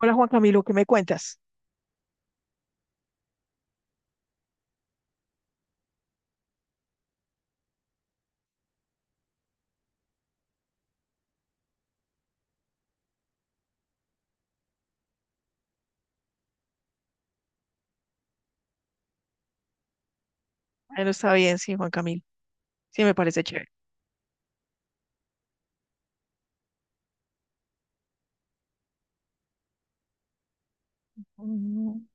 Hola Juan Camilo, ¿qué me cuentas? Bueno, está bien, sí, Juan Camilo. Sí, me parece chévere. Mm,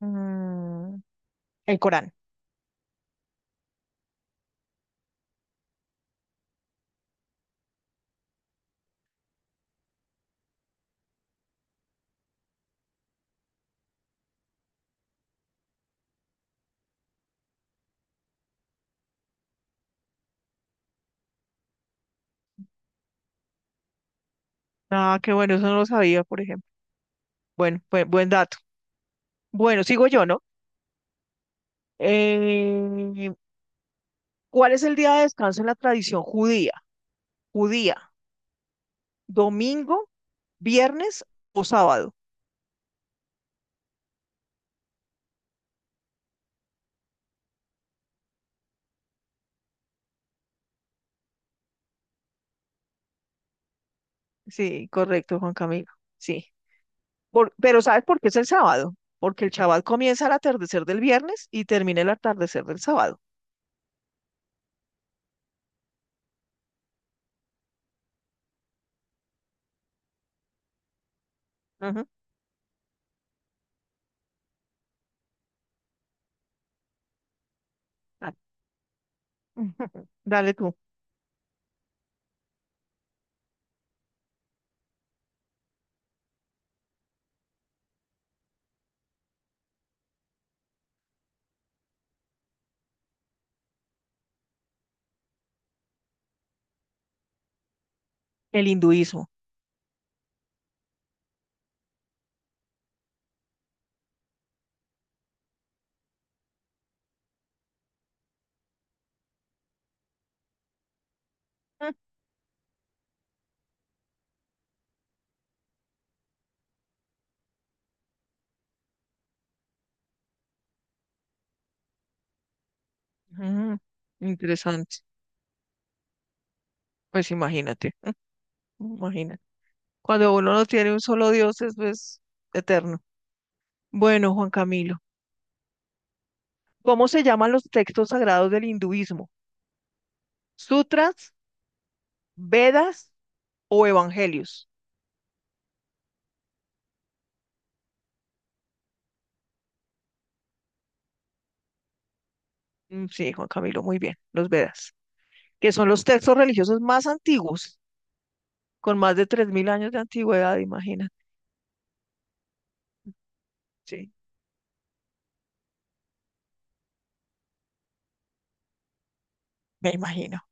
mm, el Corán. Ah, qué bueno, eso no lo sabía, por ejemplo. Bueno, buen dato. Bueno, sigo yo, ¿no? Eh, ¿Cuál es el día de descanso en la tradición judía? Judía, domingo, viernes o sábado. Sí, correcto, Juan Camilo. Sí. Pero ¿sabes por qué es el sábado? Porque el Shabbat comienza al atardecer del viernes y termina el atardecer del sábado. Ujú. Dale. Dale tú. El hinduismo. Mm, Ujú, interesante. Pues imagínate, imagínate. Cuando uno no tiene un solo Dios, eso es pues, eterno. Bueno, Juan Camilo, ¿cómo se llaman los textos sagrados del hinduismo? ¿Sutras, Vedas o evangelios? Mm, sí, Juan Camilo, muy bien, los Vedas, que son los textos religiosos más antiguos, con más de 3000 años de antigüedad. Imagina. Sí, me imagino.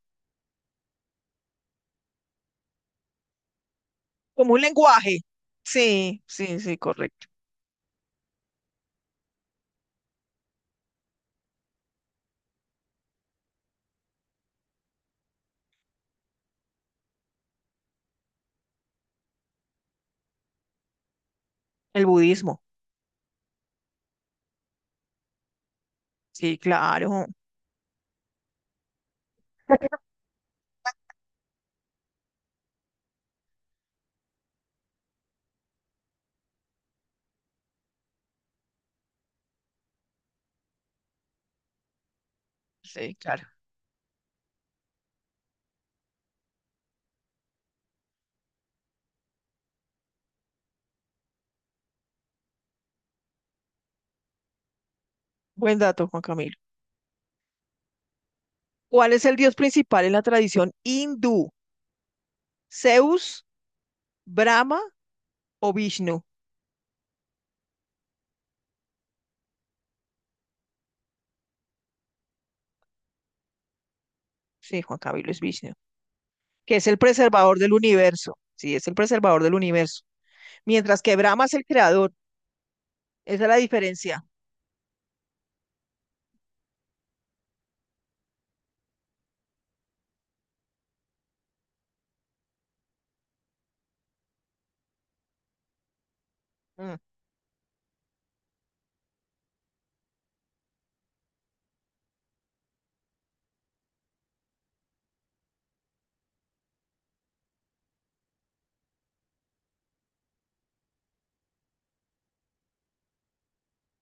Como un lenguaje. Sí, sí, sí, correcto. El budismo. Sí, claro. Sí, claro. Buen dato, Juan Camilo. ¿Cuál es el dios principal en la tradición hindú? ¿Zeus, Brahma o Vishnu? Sí, Juan Camilo es Vishnu, que es el preservador del universo. Sí, es el preservador del universo. Mientras que Brahma es el creador. Esa es la diferencia. Mm,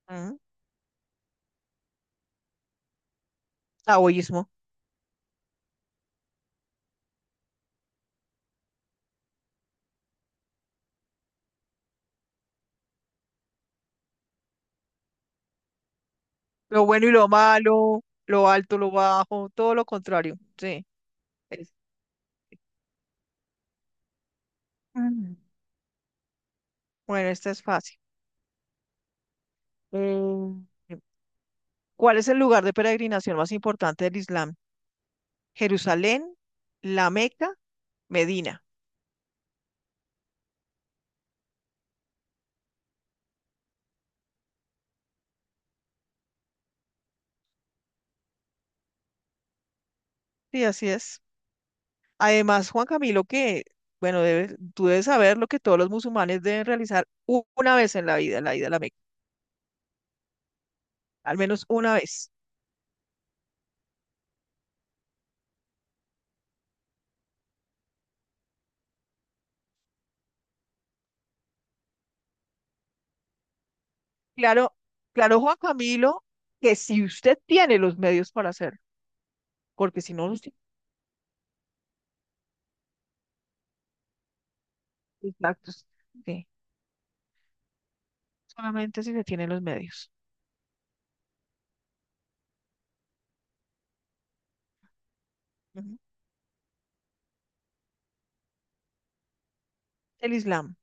mm. Taoísmo. Lo bueno y lo malo, lo alto, lo bajo, todo lo contrario. Sí. Es- Mm. Bueno, esta es fácil. Mm. ¿Cuál es el lugar de peregrinación más importante del Islam? Jerusalén, La Meca, Medina. Sí, así es. Además, Juan Camilo, que, bueno, tú debes saber lo que todos los musulmanes deben realizar una vez en la vida, la ida a la Meca, al menos una vez. Claro, claro, Juan Camilo, que si usted tiene los medios para hacerlo, porque si no los tiene, exactos, sí, solamente si se tienen los medios. Ujú. El Islam.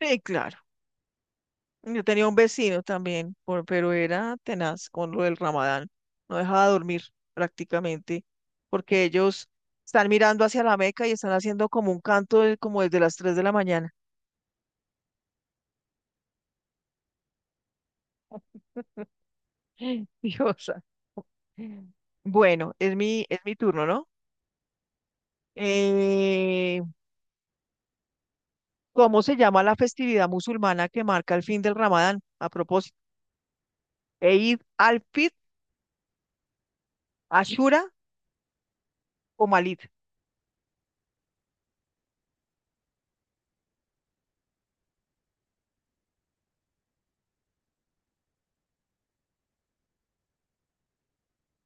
Sí, claro. Yo tenía un vecino también, pero era tenaz con lo del Ramadán. No dejaba dormir prácticamente, porque ellos están mirando hacia la Meca y están haciendo como un canto como desde las 3 de la mañana. Diosa. Bueno, es mi turno, ¿no? Eh, ¿Cómo se llama la festividad musulmana que marca el fin del Ramadán? A propósito, Eid al-Fitr, Ashura o Malit.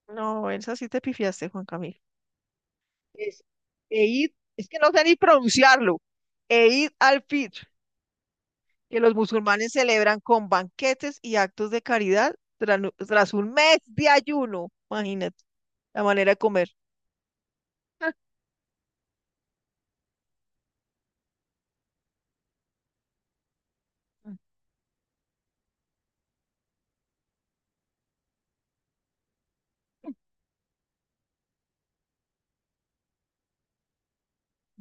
No, esa sí te pifiaste, Juan Camilo. Es Eid, es que no sé ni pronunciarlo, Eid al-Fitr, que los musulmanes celebran con banquetes y actos de caridad tras un mes de ayuno. Imagínate la manera de comer. Ah,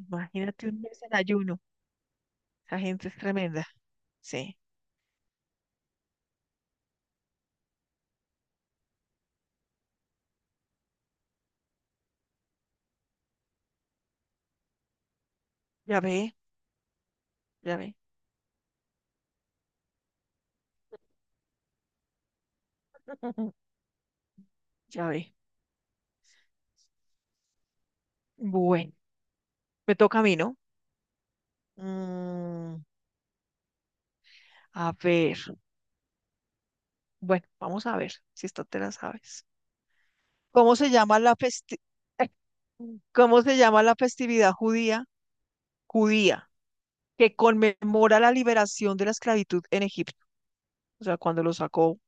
Imagínate un mes en ayuno. Esa gente es tremenda. Sí, ya ve, ya ve, ya ve. Bueno, me toca a mí, ¿no? Mm, a ver, bueno, vamos a ver si esta te la sabes. ¿Cómo se llama la festi- ¿Cómo se llama la festividad judía? Judía, que conmemora la liberación de la esclavitud en Egipto, o sea, cuando lo sacó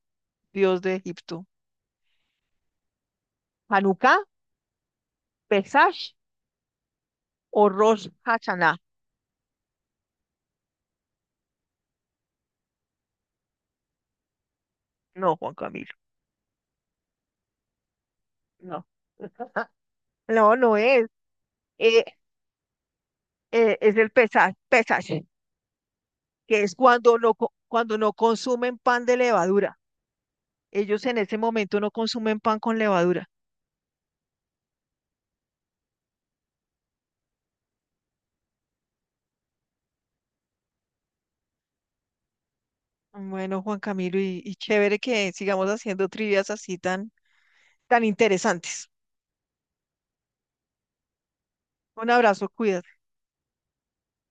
Dios de Egipto. ¿Hanukkah, Pesach o Rosh Hashanah? No, Juan Camilo, no. No, no es. Eh, es el Pesach, Pesach, que es cuando cuando no consumen pan de levadura. Ellos en ese momento no consumen pan con levadura. Bueno, Juan Camilo, y chévere que sigamos haciendo trivias así tan tan interesantes. Un abrazo, cuídate.